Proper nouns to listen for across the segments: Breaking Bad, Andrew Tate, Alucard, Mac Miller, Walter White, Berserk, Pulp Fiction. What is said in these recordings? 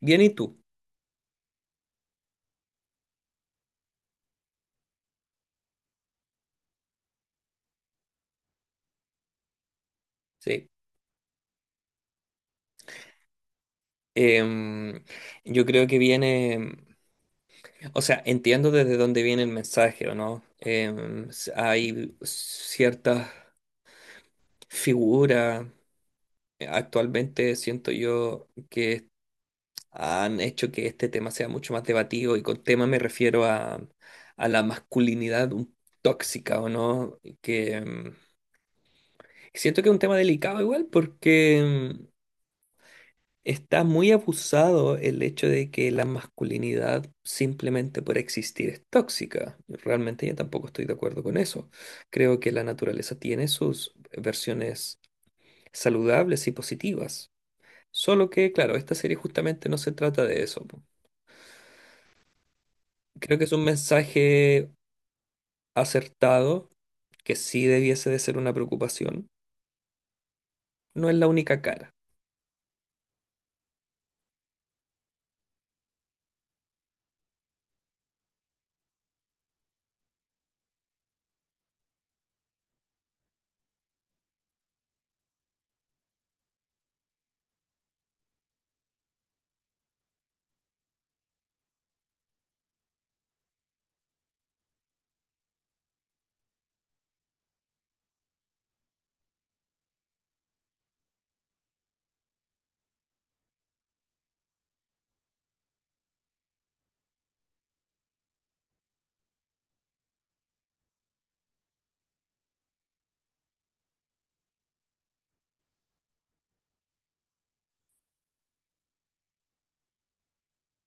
Bien, ¿y tú? Sí. Em, yo creo que viene, o sea, entiendo desde dónde viene el mensaje, ¿o no? Hay ciertas figuras, actualmente siento yo que han hecho que este tema sea mucho más debatido, y con tema me refiero a la masculinidad tóxica, ¿o no? Que siento que es un tema delicado igual porque está muy abusado el hecho de que la masculinidad simplemente por existir es tóxica. Realmente yo tampoco estoy de acuerdo con eso. Creo que la naturaleza tiene sus versiones saludables y positivas. Solo que, claro, esta serie justamente no se trata de eso. Creo que es un mensaje acertado, que sí debiese de ser una preocupación. No es la única cara.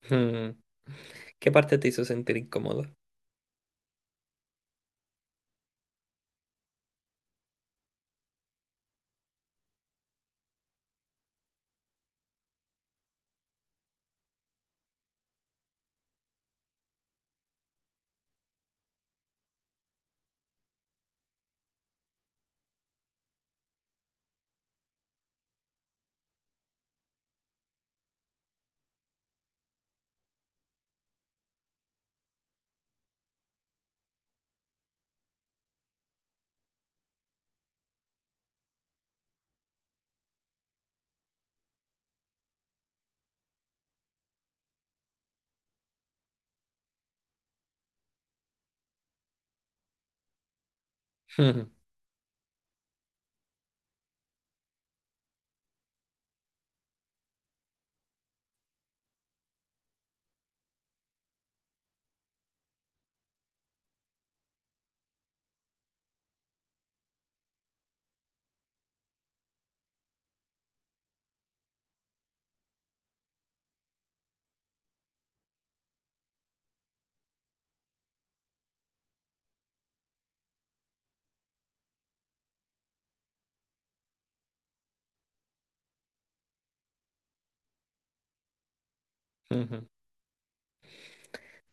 Hmm. ¿Qué parte te hizo sentir incómodo?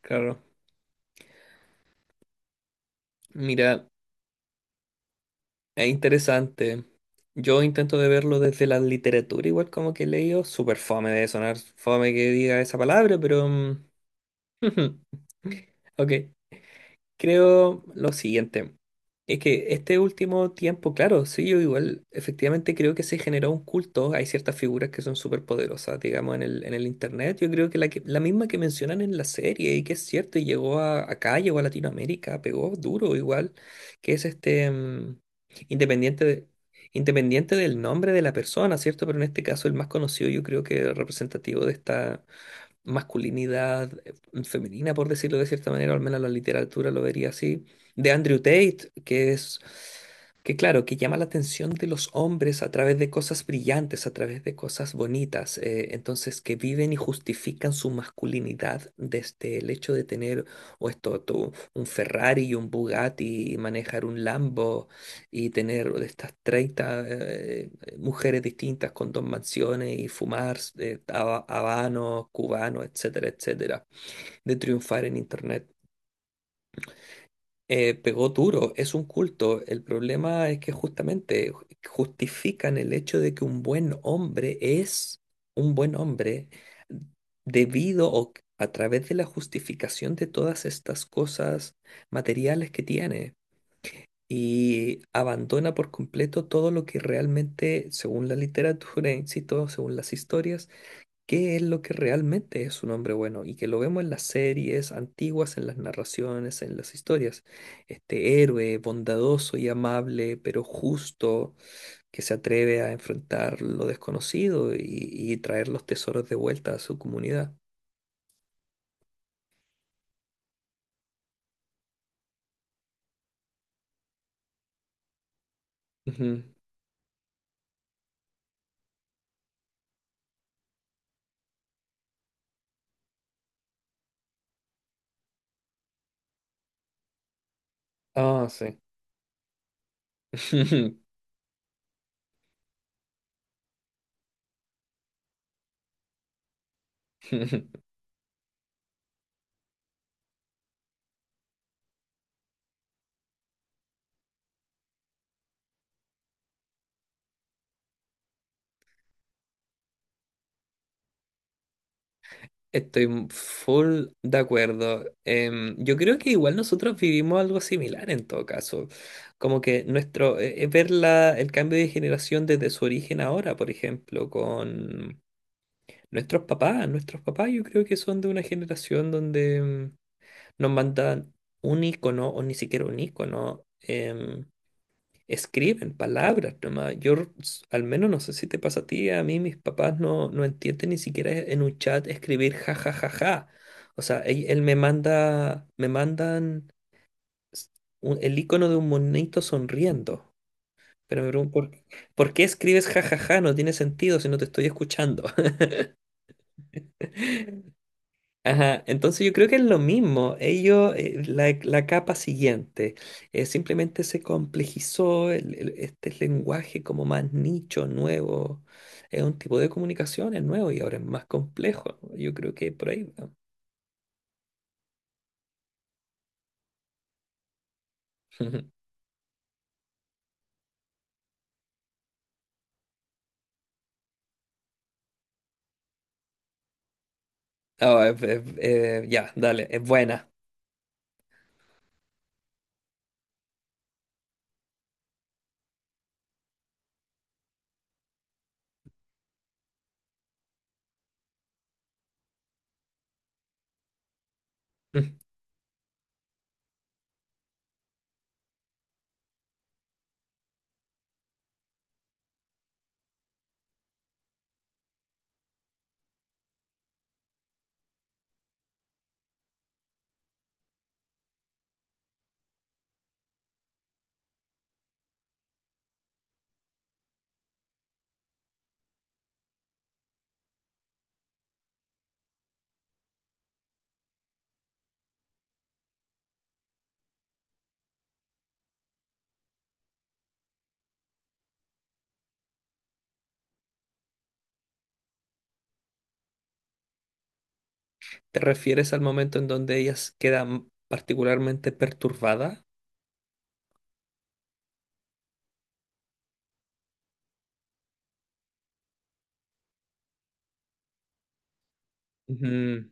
Claro. Mira. Es interesante. Yo intento de verlo desde la literatura, igual como que he leído. Súper fome de sonar, fome que diga esa palabra, pero. Ok. Creo lo siguiente, es que este último tiempo, claro, sí, yo igual, efectivamente creo que se generó un culto, hay ciertas figuras que son súper poderosas, digamos, en el internet, yo creo que la misma que mencionan en la serie, y que es cierto, y llegó a Latinoamérica, pegó duro igual, que es este, independiente de- independiente del nombre de la persona, ¿cierto? Pero en este caso el más conocido, yo creo que representativo de esta masculinidad femenina, por decirlo de cierta manera, o al menos la literatura lo vería así, de Andrew Tate, que es, que claro, que llama la atención de los hombres a través de cosas brillantes, a través de cosas bonitas, entonces que viven y justifican su masculinidad desde el hecho de tener o esto, un Ferrari y un Bugatti y manejar un Lambo y tener de estas 30 mujeres distintas con dos mansiones y fumar habanos, cubanos, etcétera, etcétera, de triunfar en Internet. Pegó duro, es un culto. El problema es que justamente justifican el hecho de que un buen hombre es un buen hombre debido o a través de la justificación de todas estas cosas materiales que tiene y abandona por completo todo lo que realmente, según la literatura, insisto, según las historias, qué es lo que realmente es un hombre bueno y que lo vemos en las series antiguas, en las narraciones, en las historias. Este héroe bondadoso y amable, pero justo, que se atreve a enfrentar lo desconocido y traer los tesoros de vuelta a su comunidad. Ujú. Ah, sí. Estoy full de acuerdo. Yo creo que igual nosotros vivimos algo similar en todo caso. Como que nuestro, ver el cambio de generación desde su origen ahora, por ejemplo, con nuestros papás. Nuestros papás yo creo que son de una generación donde nos mandan un icono o ni siquiera un icono. Escriben palabras nomás. Yo, al menos no sé si te pasa a ti, a mí mis papás no entienden ni siquiera en un chat escribir ja ja ja ja. O sea, él me mandan s- el icono de un monito sonriendo. Pero me pregunto, ¿por qué escribes ja ja ja? No tiene sentido si no te estoy escuchando. Ajá, entonces yo creo que es lo mismo. Ellos, la capa siguiente, simplemente se complejizó este lenguaje como más nicho, nuevo. Es un tipo de comunicación, es nuevo y ahora es más complejo. Yo creo que por ahí va. Ah, ya, dale, es buena. Mm. ¿Te refieres al momento en donde ellas quedan particularmente perturbadas? Ujú.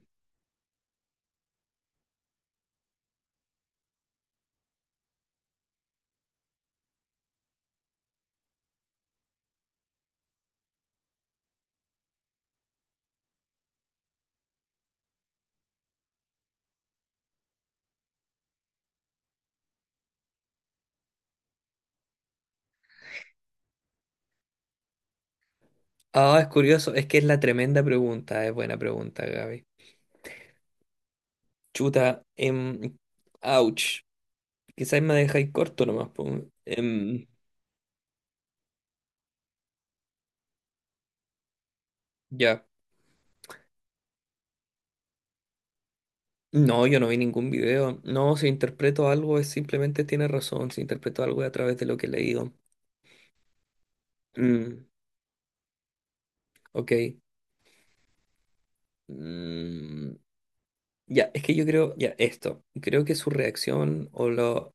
Ah, es curioso, es que es la tremenda pregunta, es buena pregunta, Gaby. Chuta, ouch. Quizás me dejáis corto nomás, po. Em, ya. No, yo no vi ningún video. No, si interpreto algo es simplemente tiene razón. Si interpreto algo es a través de lo que he leído. Mm, ok. Mm, ya, es que yo creo, ya, esto. Creo que su reacción o lo.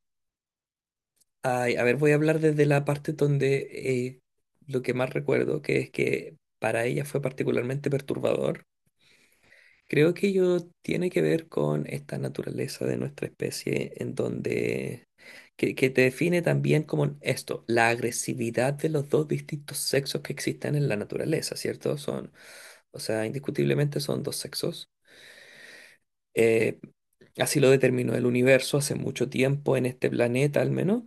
Ay, a ver, voy a hablar desde la parte donde eh, lo que más recuerdo, que es que para ella fue particularmente perturbador. Creo que ello tiene que ver con esta naturaleza de nuestra especie en donde que te define también como esto, la agresividad de los dos distintos sexos que existen en la naturaleza, ¿cierto? Son, o sea, indiscutiblemente son dos sexos. Eh, así lo determinó el universo hace mucho tiempo en este planeta al menos.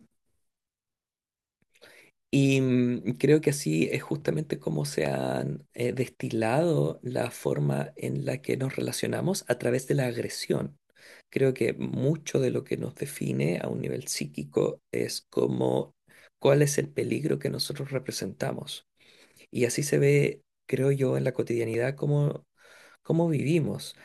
Y creo que así es justamente como se han destilado la forma en la que nos relacionamos a través de la agresión. Creo que mucho de lo que nos define a un nivel psíquico es cuál es el peligro que nosotros representamos. Y así se ve, creo yo, en la cotidianidad cómo vivimos,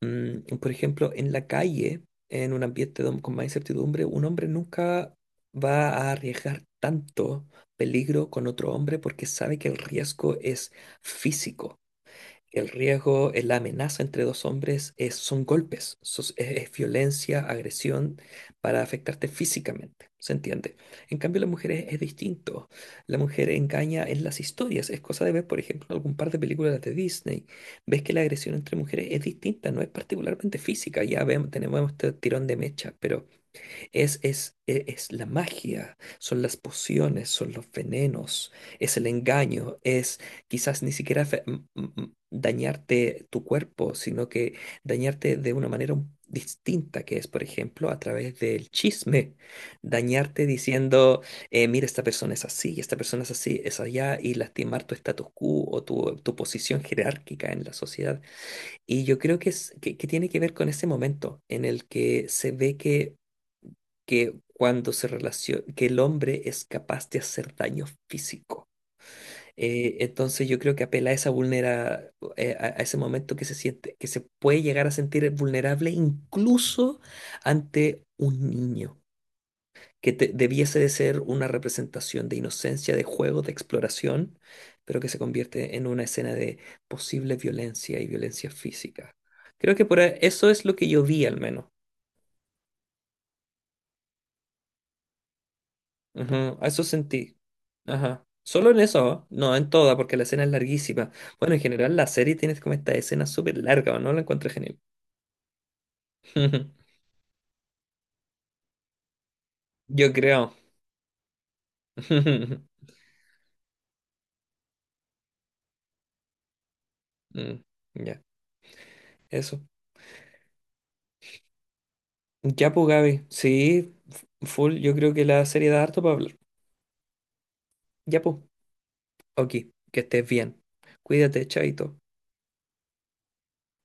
por ejemplo, en la calle, en un ambiente con más incertidumbre, un hombre nunca va a arriesgar tanto peligro con otro hombre porque sabe que el riesgo es físico. El riesgo, la amenaza entre dos hombres son golpes, es violencia, agresión para afectarte físicamente, ¿se entiende? En cambio, las mujeres es distinto. La mujer engaña en las historias. Es cosa de ver, por ejemplo, algún par de películas de Disney. Ves que la agresión entre mujeres es distinta, no es particularmente física. Ya vemos, tenemos este tirón de mecha, pero es la magia, son las pociones, son los venenos, es el engaño, es quizás ni siquiera dañarte tu cuerpo, sino que dañarte de una manera distinta, que es, por ejemplo, a través del chisme, dañarte diciendo, mira, esta persona es así, y esta persona es así, es allá, y lastimar tu status quo o tu posición jerárquica en la sociedad. Y yo creo que tiene que ver con ese momento en el que se ve que cuando se relaciona, que el hombre es capaz de hacer daño físico. Entonces yo creo que apela a esa a ese momento que se siente, que se puede llegar a sentir vulnerable incluso ante un niño, que debiese de ser una representación de inocencia, de juego, de exploración, pero que se convierte en una escena de posible violencia y violencia física. Creo que eso es lo que yo vi al menos. Ujú, a eso sentí. Ajá. Solo en eso, no en toda, porque la escena es larguísima. Bueno, en general la serie tiene como esta escena súper larga, ¿o no? La encuentro genial. Yo creo. Mm, Ya, eso. Ya, pues, Gaby. Sí, full. Yo creo que la serie da harto para hablar. Ya, pues. Ok, que estés bien. Cuídate, chaito.